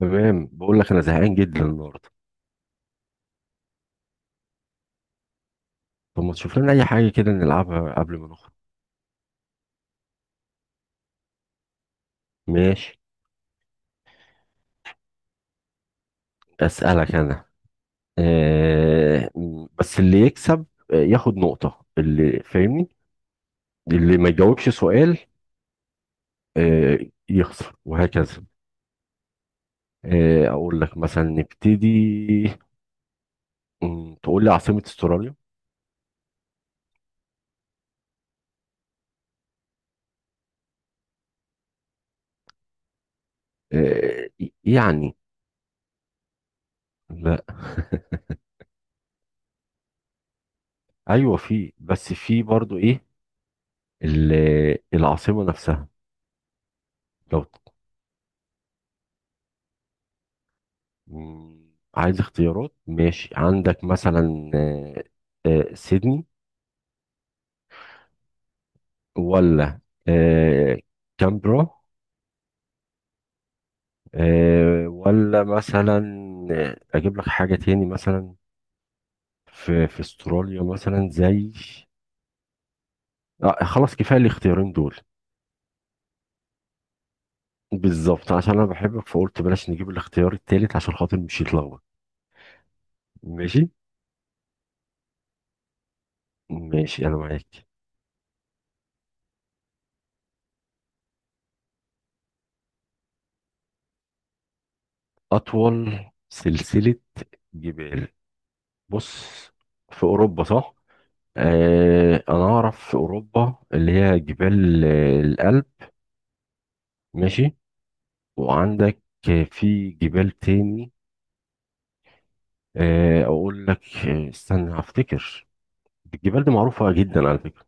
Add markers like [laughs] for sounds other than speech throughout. تمام، بقول لك انا زهقان جدا النهارده. طب ما تشوف لنا اي حاجه كده نلعبها قبل ما نخرج. ماشي. اسالك انا. بس اللي يكسب. ياخد نقطه اللي فاهمني. اللي ما يجاوبش سؤال آه يخسر وهكذا. اقول لك مثلا نبتدي. تقول لي عاصمه استراليا. يعني لا [laughs] ايوه في، بس في برضو ايه العاصمه نفسها لو. عايز اختيارات، ماشي. عندك مثلا سيدني، ولا آه، كامبرا، ولا مثلا اجيب لك حاجة تاني. مثلا في في استراليا مثلا زي خلاص كفاية الاختيارين دول. بالظبط عشان انا بحبك فقلت بلاش نجيب الاختيار التالت عشان خاطر مش يتلخبط. ماشي. ماشي انا معاك. اطول سلسلة جبال. بص في اوروبا صح. انا اعرف في اوروبا اللي هي جبال الألب. ماشي. وعندك في جبال تاني. اقول لك استنى هفتكر. الجبال دي معروفة جدا على فكرة.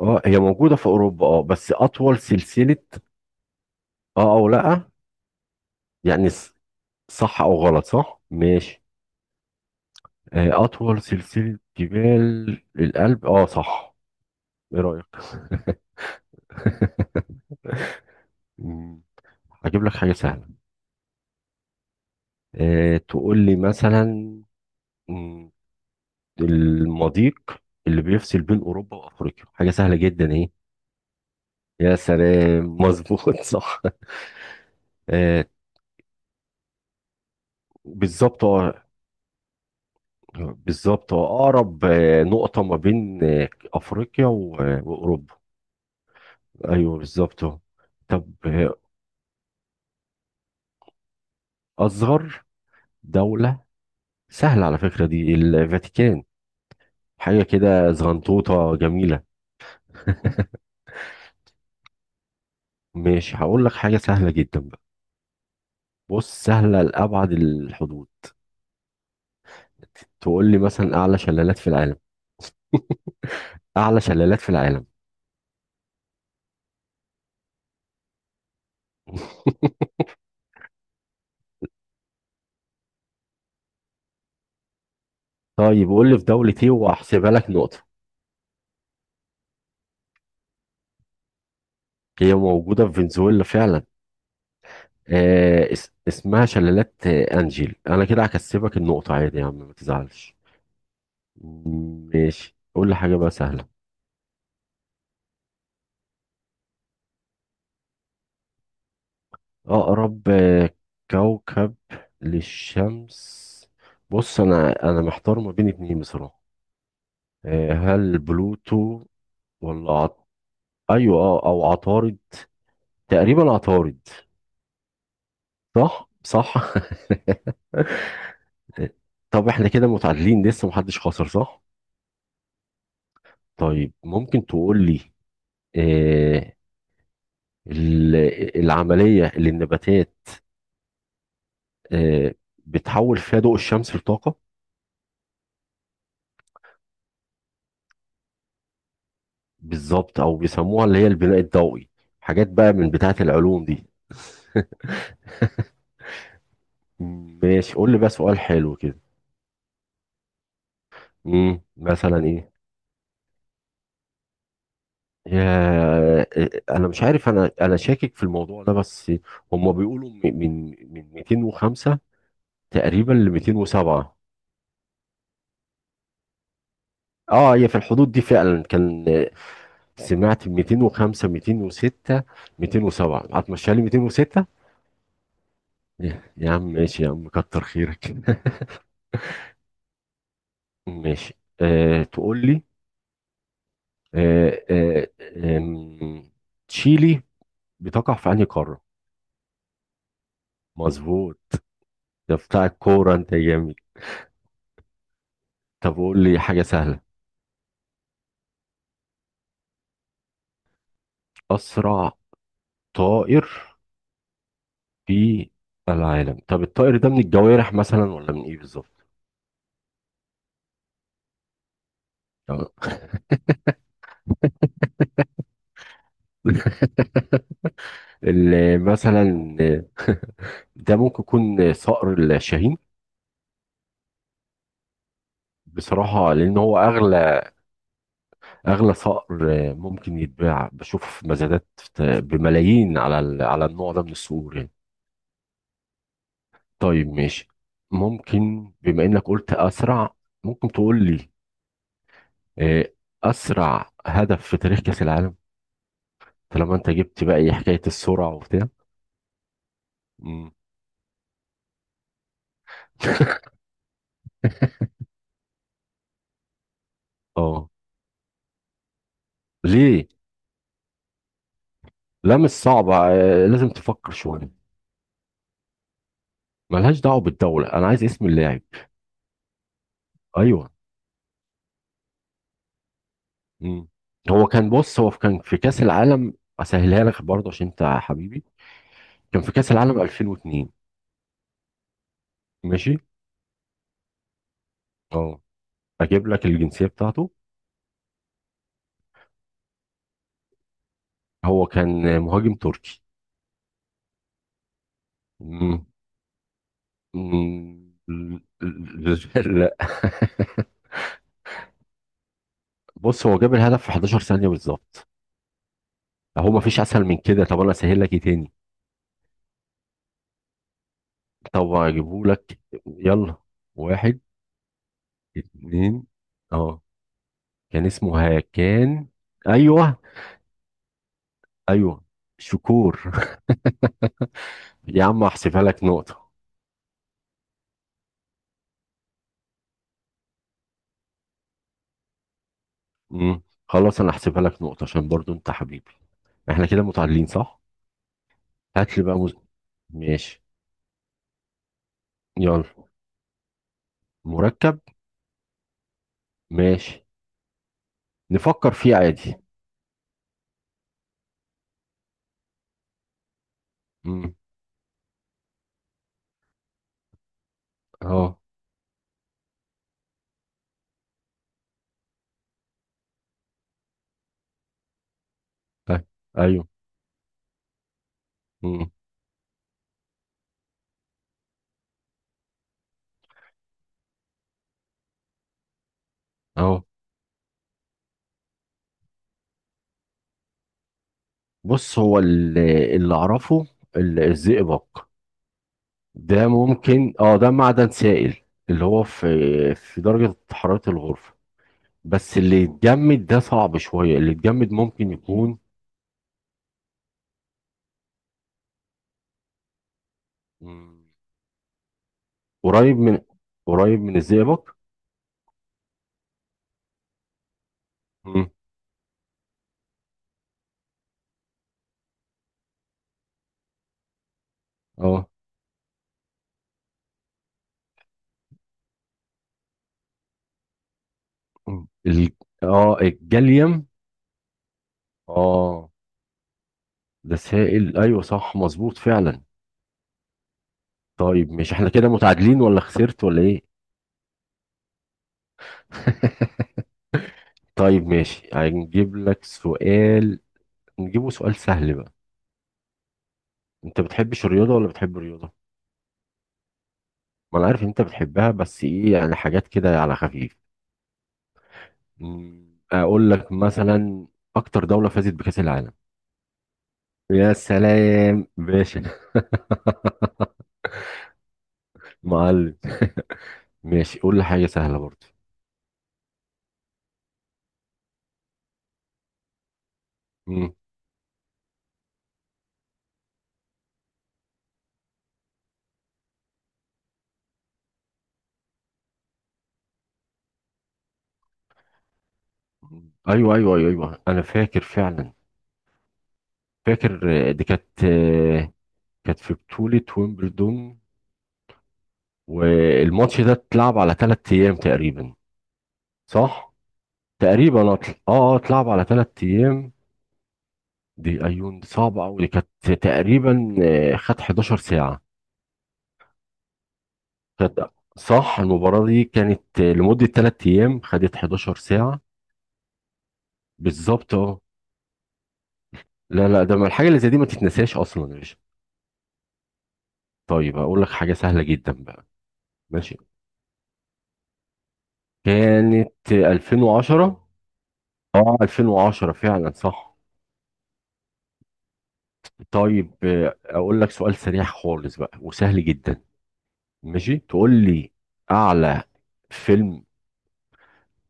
اه هي موجودة في اوروبا اه بس اطول سلسلة. اه او لا. يعني صح او غلط، صح ماشي. اطول سلسلة جبال الألب اه صح. ايه رأيك؟ [laughs] مم، هجيب لك حاجة سهلة. تقول لي مثلا مم. المضيق اللي بيفصل بين اوروبا وافريقيا، حاجه سهله جدا اهي. يا سلام مظبوط [laughs] صح آه بالظبط اه. بالظبط اه. اقرب نقطه ما بين افريقيا واوروبا. ايوه بالظبط اه. طب اصغر دوله سهله على فكره، دي الفاتيكان. حاجه كده زغنطوطه جميله. [laughs] ماشي هقول لك حاجه سهله جدا بقى. بص سهله لابعد الحدود. تقول لي مثلا اعلى شلالات في العالم. أعلى شلالات في العالم. [laughs] طيب قول لي في دولة إيه وأحسبها لك نقطة. هي موجودة في فنزويلا فعلا. اس اسمها شلالات أنجيل، أنا كده هكسبك النقطة عادي يا عم، ما تزعلش. ماشي قول لي حاجة بقى سهلة. أقرب كوكب للشمس. بص أنا محتار ما بين اتنين بصراحة. هل بلوتو ولا عط... أيوه أو عطارد. تقريبا عطارد. صح صح. [laughs] طب احنا كده متعادلين لسه محدش خسر صح؟ طيب ممكن تقول لي آه ال- العملية اللي النباتات آه بتحول فيها ضوء الشمس لطاقة. بالظبط او بيسموها اللي هي البناء الضوئي. حاجات بقى من بتاعة العلوم دي. ماشي قول لي بقى سؤال حلو كده. مثلا ايه. يا آه، انا مش عارف، انا شاكك في الموضوع ده بس. هم بيقولوا من 205 تقريبا ل 207. اه هي في الحدود دي فعلا كان سمعت 205 206 207، هتمشيها لي 206. يا عم ماشي يا عم، كتر خيرك. [laughs] ماشي أه تقول لي أه أه آم، تشيلي بتقع في انهي قارة؟ مظبوط. ده بتاع الكورة انت جامد. طب قول لي حاجة سهلة. اسرع طائر في العالم. طب الطائر ده من الجوارح مثلا ولا من ايه بالظبط؟ آه. [laughs] مثلا ده ممكن يكون صقر الشاهين. بصراحة لأن هو أغلى، أغلى صقر ممكن يتباع بشوف مزادات بملايين على على النوع ده من الصقور يعني. طيب ماشي. ممكن بما إنك قلت أسرع، ممكن تقول لي آه، أسرع هدف في تاريخ كأس العالم؟ طالما أنت جبت بقى إيه حكاية السرعة وبتاع. مم. [laughs] اه ليه؟ لا مش صعبة، لازم تفكر شوية. ملهاش دعوة بالدولة، أنا عايز اسم اللاعب. أيوه. مم. هو كان، بص هو كان في كأس العالم. اسهلها لك برضه عشان انت حبيبي. كان في كأس العالم 2002. ماشي. اه اجيب لك الجنسية بتاعته. هو كان مهاجم تركي. مم. مم. [laughs] لا. بص هو جاب الهدف في 11 ثانية بالظبط. اهو ما فيش اسهل من كده. طب انا اسهل لك ايه تاني. طب اجيبه لك. يلا. واحد، اتنين. اه كان اسمه هاكان. ايوه. ايوه شكور. [laughs] يا عم احسبها لك نقطة. امم خلاص، انا احسبها لك نقطة عشان برضو انت حبيبي. احنا كده متعادلين صح. هات لي بقى ماشي. يلا. مركب. ماشي نفكر فيه عادي. امم. اهو. أي- ايوه. امم. اهو. بص هو اللي اعرفه، الزئبق. ده ممكن. اه ده معدن سائل اللي هو في في درجة حرارة الغرفة. بس اللي يتجمد ده صعب شوية، اللي يتجمد ممكن يكون قريب من، الزئبق. مم. اه ال... اه الجاليوم. اه. ده سائل، ايوه صح مظبوط فعلا. طيب ماشي احنا كده متعادلين ولا خسرت ولا ايه؟ [laughs] طيب ماشي هنجيب لك سؤال، نجيبه سؤال سهل بقى. انت بتحبش الرياضة ولا بتحب الرياضة؟ ما انا عارف ان انت بتحبها، بس ايه يعني حاجات كده على خفيف. اقول لك مثلا اكتر دولة فازت بكأس العالم. يا سلام باشا. [laughs] معلم. ماشي قول لي حاجة سهلة برضه. مم. أيوه أيوه أيوه أيوه أنا فاكر فعلا. فاكر دي كانت كانت في بطولة ويمبلدون. والماتش ده اتلعب على 3 أيام تقريبا صح؟ تقريبا اتلعب على 3 أيام. دي أيون دي صعبة أوي. دي كانت تقريبا خد 11 ساعة. كانت صح، المباراة دي كانت لمدة 3 أيام، خدت 11 ساعة. بالظبط اه. لا لا، ده ما الحاجة اللي زي دي ما تتنساش أصلا يا باشا. طيب اقول لك حاجه سهله جدا بقى. ماشي كانت 2010. اه 2010 فعلا صح. طيب اقول لك سؤال سريع خالص بقى وسهل جدا. ماشي تقول لي اعلى فيلم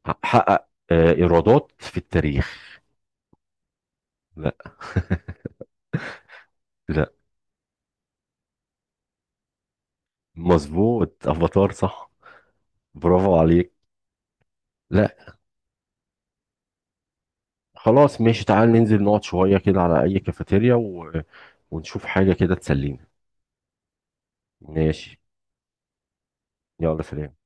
حقق ايرادات في التاريخ. لا. لا. مظبوط افاتار صح. برافو عليك. لا خلاص ماشي، تعال ننزل نقعد شويه كده على اي كافيتيريا و... ونشوف حاجه كده تسلينا. ماشي. يلا سلام.